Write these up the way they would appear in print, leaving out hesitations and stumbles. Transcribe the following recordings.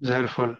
زي الفل.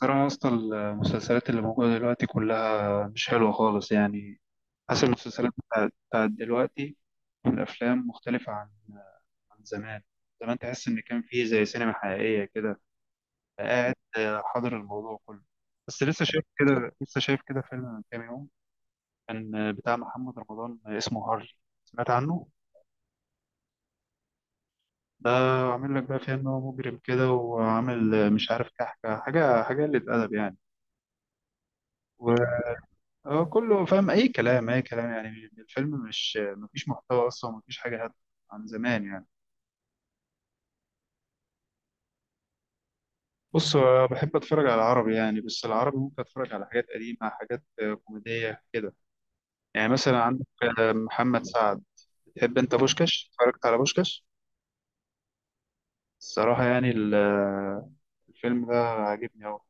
ترى اصلا المسلسلات اللي موجوده دلوقتي كلها مش حلوه خالص يعني. حاسس المسلسلات بتاعت دلوقتي، والافلام مختلفه عن زمان. زمان تحس ان كان فيه زي سينما حقيقيه كده. قاعد حاضر الموضوع كله. بس لسه شايف كده فيلم من كام يوم، كان بتاع محمد رمضان اسمه هارلي، سمعت عنه؟ ده عامل لك بقى فيها ان هو مجرم كده، وعامل مش عارف كحكه حاجه حاجه، قله ادب يعني. هو كله فاهم، اي كلام اي كلام يعني. الفيلم مش مفيش محتوى اصلا، مفيش حاجه هادفه عن زمان يعني. بص، هو بحب اتفرج على العربي يعني، بس العربي ممكن اتفرج على حاجات قديمه، حاجات كوميديه كده. يعني مثلا عندك محمد سعد. بتحب انت بوشكاش؟ اتفرجت على بوشكاش؟ الصراحه يعني الفيلم ده عاجبني قوي.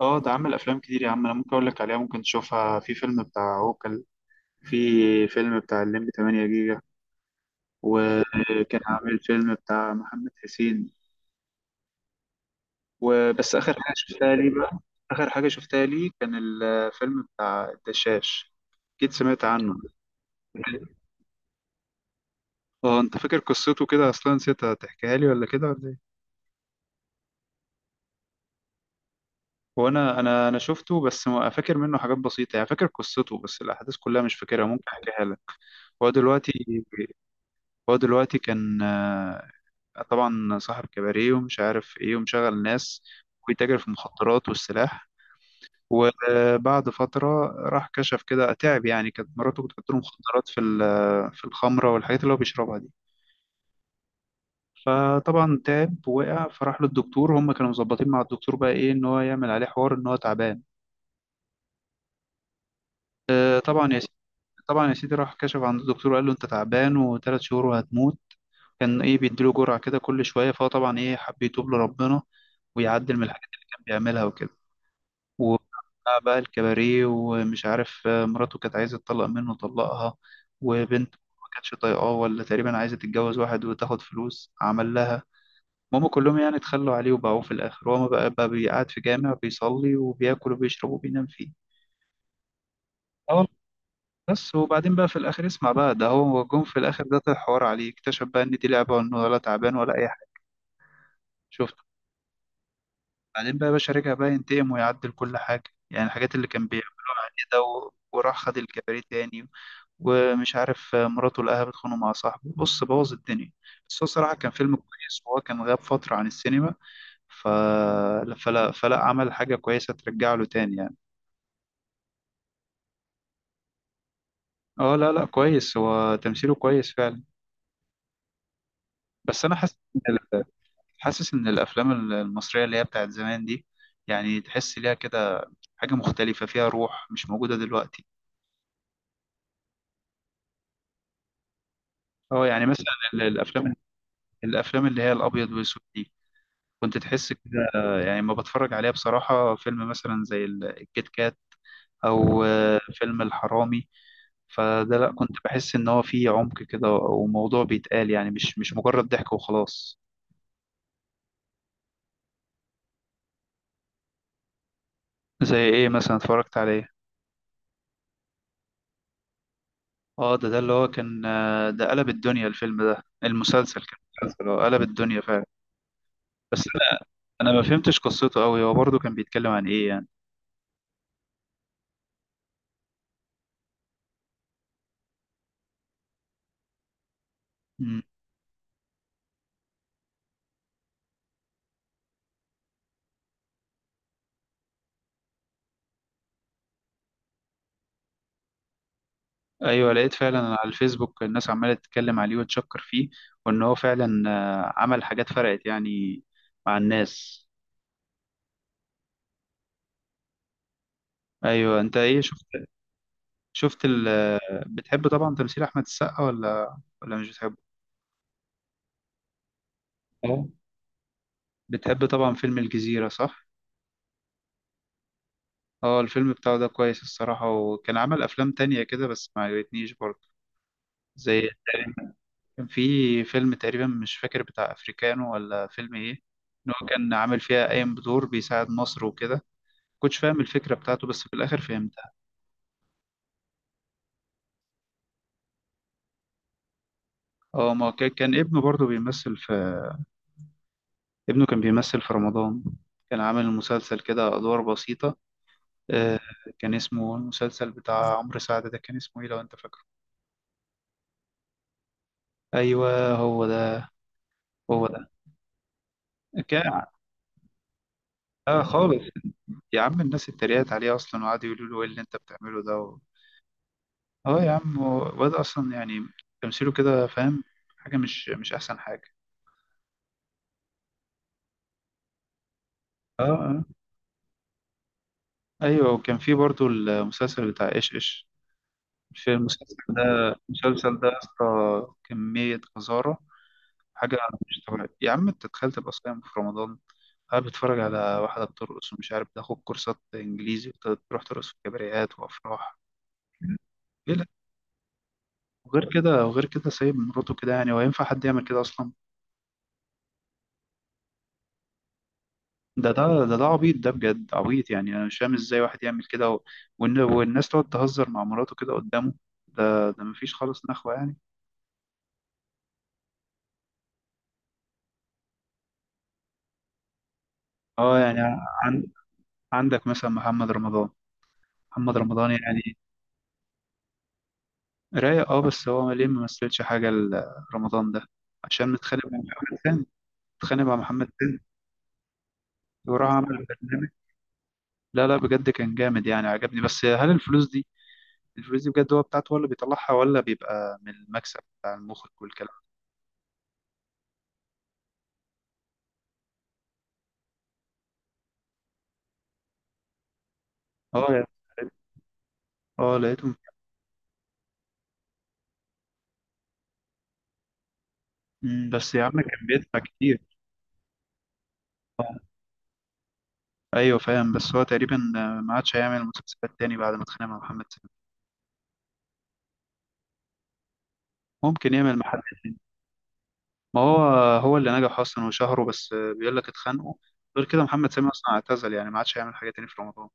اه، ده عامل افلام كتير يا عم، انا ممكن اقول لك عليها، ممكن تشوفها. في فيلم بتاع عوكل، في فيلم بتاع الليمبي 8 جيجا، وكان عامل فيلم بتاع محمد حسين. وبس، آخر حاجة شفتها لي بقى، آخر حاجة شفتها لي كان الفيلم بتاع الدشاش، أكيد سمعت عنه. اه انت فاكر قصته كده اصلا؟ نسيت تحكيها لي، ولا كده ولا ايه؟ هو انا شفته، بس فاكر منه حاجات بسيطه يعني، فاكر قصته بس الاحداث كلها مش فاكرها. ممكن احكيها لك. هو دلوقتي، هو دلوقتي كان طبعا صاحب كباريه، ومش عارف ايه، ومشغل ناس، ويتاجر في المخدرات والسلاح. وبعد فترة راح كشف كده، تعب يعني. كانت مراته بتحط له مخدرات في في الخمرة والحاجات اللي هو بيشربها دي. فطبعا تعب، وقع، فراح للدكتور. هم كانوا مظبطين مع الدكتور بقى ايه، ان هو يعمل عليه حوار ان هو تعبان. طبعا يا سيدي، طبعا يا سيدي، راح كشف عند الدكتور، وقال له انت تعبان، وثلاث شهور وهتموت. كان ايه بيديله جرعة كده كل شوية، فهو طبعا ايه، حب يتوب لربنا، ويعدل من الحاجات اللي كان بيعملها وكده. وبتاع بقى الكباريه، ومش عارف مراته كانت عايزة تطلق منه، طلقها. وبنت ما كانتش طايقاه، ولا تقريبا عايزة تتجوز واحد وتاخد فلوس، عمل لها. هما كلهم يعني اتخلوا عليه وباعوه في الآخر، وهو بقى بيقعد في جامع، بيصلي وبياكل وبيشرب وبينام فيه. اه والله. بس وبعدين بقى في الآخر، اسمع بقى، ده هو جم في الآخر، ده طلع حوار عليه، اكتشف بقى إن دي لعبة، وإنه ولا تعبان ولا أي حاجة. شفت؟ بعدين بقى يا باشا رجع بقى ينتقم، ويعدل كل حاجة، يعني الحاجات اللي كان بيعملها. وراح خد الكباريه تاني، ومش عارف مراته لقاها بتخانق مع صاحبه، بص بوظ الدنيا. بس هو صراحة كان فيلم كويس، وهو كان غاب فترة عن السينما. ف... فلا فلا عمل حاجة كويسة ترجع له تاني يعني. اه لا لا كويس، هو تمثيله كويس فعلا. بس انا حاسس إن ال- حاسس ان الافلام المصرية اللي هي بتاعت زمان دي، يعني تحس ليها كده حاجة مختلفة، فيها روح مش موجودة دلوقتي. اه يعني مثلا ال- الافلام الافلام اللي هي الابيض والاسود، كنت تحس كده. يعني لما بتفرج عليها بصراحة، فيلم مثلا زي الكيت كات، أو فيلم الحرامي، فده لأ، كنت بحس إن هو فيه عمق كده، وموضوع بيتقال، يعني مش مجرد ضحك وخلاص. زي إيه مثلا اتفرجت عليه؟ اه ده اللي هو كان ده قلب الدنيا، الفيلم ده، المسلسل كان، مسلسل قلب الدنيا فعلا. بس أنا ما فهمتش قصته أوي. هو برضه كان بيتكلم عن إيه يعني؟ ايوه لقيت فعلا على الفيسبوك الناس عماله تتكلم عليه وتشكر فيه، وان هو فعلا عمل حاجات فرقت يعني مع الناس. ايوه انت ايه شفت؟ شفت ال آه، بتحب طبعا تمثيل احمد السقا ولا مش بتحبه؟ اه بتحب طبعا فيلم الجزيره، صح؟ اه الفيلم بتاعه ده كويس الصراحه، وكان عمل افلام تانية كده، بس ما عجبتنيش برضه. زي تقريباً- كان في فيلم تقريبا مش فاكر، بتاع افريكانو ولا فيلم ايه، ان هو كان عامل فيها قايم بدور بيساعد مصر وكده. كنتش فاهم الفكرة بتاعته، بس في الآخر فهمتها. اه ما كان ابنه برضه بيمثل في، ابنه كان بيمثل في رمضان، كان عامل مسلسل كده، أدوار بسيطة آه. كان اسمه المسلسل بتاع عمرو سعد ده، كان اسمه ايه لو انت فاكره؟ ايوه هو ده، هو ده كان. اه خالص، يا عم الناس اتريقت عليه اصلا، وقعدوا يقولوا له ايه اللي انت بتعمله ده اه يا عم هو الواد اصلا يعني، تمثيله كده، فاهم، حاجة مش احسن حاجة. اه ايوه، وكان في برضه المسلسل بتاع ايش ايش، مش المسلسل ده. المسلسل ده يا اسطى كمية قذارة، حاجة مش طبيعية يا عم. انت تخيل تبقى صايم في رمضان، قاعد بتتفرج على واحدة بترقص، ومش عارف تاخد كورسات انجليزي، وتروح ترقص في كباريهات وافراح. ايه؟ لا. وغير كده وغير كده سايب مراته كده يعني، هو ينفع حد يعمل كده اصلا؟ ده عبيط، ده بجد عبيط، يعني انا مش فاهم ازاي واحد يعمل كده والناس تقعد تهزر مع مراته كده قدامه. ده مفيش خالص نخوة يعني. اه يعني عن... عندك مثلا محمد رمضان، يعني رايق. اه، بس هو ليه ما مثلش حاجة رمضان ده، عشان متخانق مع محمد سامي، متخانق مع محمد سامي وراح عمل برنامج. لا لا بجد كان جامد يعني، عجبني، بس هل الفلوس دي، الفلوس دي بجد هو بتاعته، هو اللي بيطلعها، ولا بيبقى من المكسب بتاع المخرج والكلام ده؟ اه يا، اه لقيته. مم، بس يا عم كان بيدفع كتير. آه، ايوه فاهم، بس هو تقريبا ما عادش هيعمل مسلسلات تاني، بعد ما اتخانق مع محمد سامي. ممكن يعمل مع حد، ما هو، هو اللي نجح اصلا وشهره بس، بيقول لك اتخانقوا. غير كده محمد سامي اصلا اعتزل، يعني ما عادش هيعمل حاجه تاني في رمضان.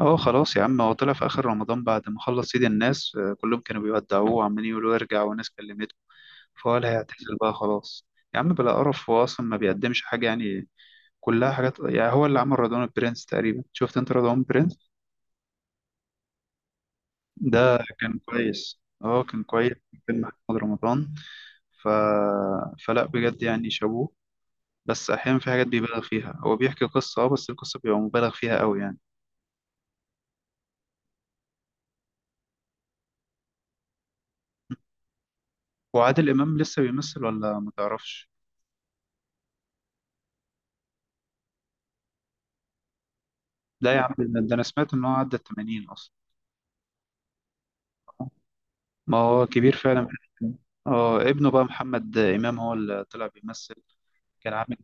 اه خلاص يا عم، هو طلع في اخر رمضان بعد ما خلص سيد الناس، كلهم كانوا بيودعوه، وعمالين يقولوا ارجع، وناس كلمته، فهو اللي هيعتزل بقى خلاص. يا عم بلا قرف، هو اصلا ما بيقدمش حاجه يعني، كلها حاجات يعني. هو اللي عمل رضوان البرنس تقريبا، شفت انت رضوان البرنس؟ ده كان كويس، اه كان كويس، كان فيلم محمد رمضان. ف... فلا بجد يعني شابوه. بس احيانا في حاجات بيبالغ فيها، هو بيحكي قصه اه، بس القصه بيبقى مبالغ فيها قوي يعني. هو عادل امام لسه بيمثل ولا ما تعرفش؟ لا يا عم ده انا سمعت ان هو عدى ال 80 اصلا، ما هو كبير فعلا. اه ابنه بقى محمد امام هو اللي طلع بيمثل، كان عامل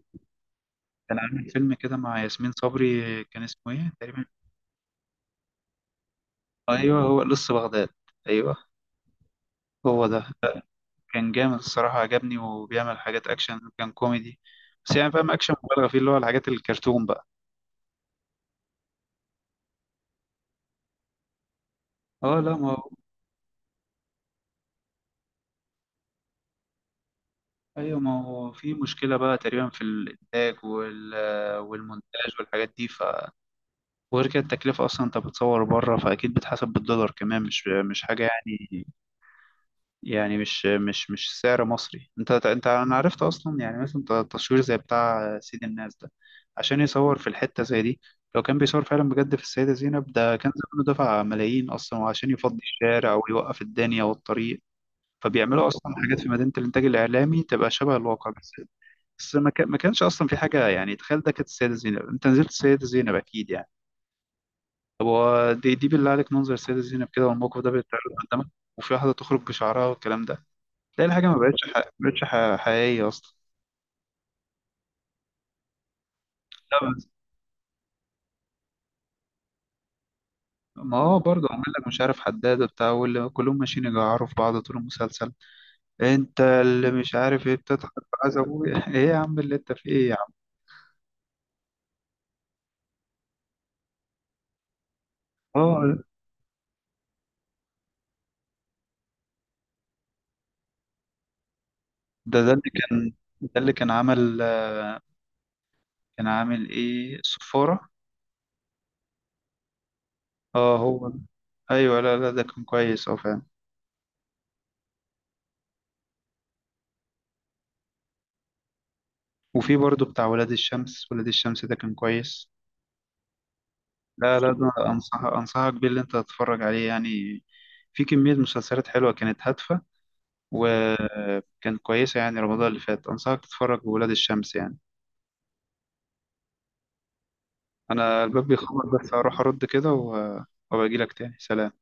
كان عامل فيلم كده مع ياسمين صبري، كان اسمه ايه تقريبا. ايوه هو لص بغداد، ايوه هو ده. كان جامد الصراحه، عجبني، وبيعمل حاجات اكشن، كان كوميدي بس يعني، فاهم، اكشن مبالغه فيه، اللي هو الحاجات الكرتون بقى. اه لا ما هو، ايوه ما هو في مشكله بقى تقريبا في الانتاج والمونتاج والحاجات دي وغير كده التكلفه اصلا، انت بتصور بره، فاكيد بتحسب بالدولار كمان، مش حاجه يعني. يعني مش سعر مصري، انت انت انا عرفت اصلا يعني، مثلا تصوير زي بتاع سيد الناس ده، عشان يصور في الحته زي دي، لو كان بيصور فعلا بجد في السيده زينب، ده كان زمانه دفع ملايين اصلا، وعشان يفضي الشارع ويوقف الدنيا والطريق. فبيعملوا اصلا حاجات في مدينه الانتاج الاعلامي تبقى شبه الواقع بس. بس ما كانش اصلا في حاجه يعني، تخيل، ده كانت السيده زينب، انت نزلت السيده زينب اكيد يعني. طب هو دي بالله عليك، منظر السيده زينب كده، والموقف ده بيتعرض قدامك، وفي واحده تخرج بشعرها والكلام ده، تلاقي الحاجه ما بقتش ح- ما بقتش ح- حقيقيه اصلا. لا بس، ما هو برضه عامل لك مش عارف حداد بتاع، واللي كلهم ماشيين يجعروا في بعض طول المسلسل. انت اللي مش عارف ايه بتضحك في عز ابويا ايه يا عم اللي انت في ايه يا عم؟ اه ده ده اللي كان ده اللي كان عمل، كان عامل ايه، الصفاره. اه هو، ايوه لا لا ده كان كويس، اه فعلا. وفي برضه بتاع ولاد الشمس، ولاد الشمس ده كان كويس. لا لا ده انصحك بيه اللي انت تتفرج عليه يعني، في كمية مسلسلات حلوة كانت هادفة، وكانت كويسة يعني، رمضان اللي فات انصحك تتفرج بولاد الشمس يعني. انا الباب بيخبط، بس هروح ارد كده وباجي لك تاني، سلام.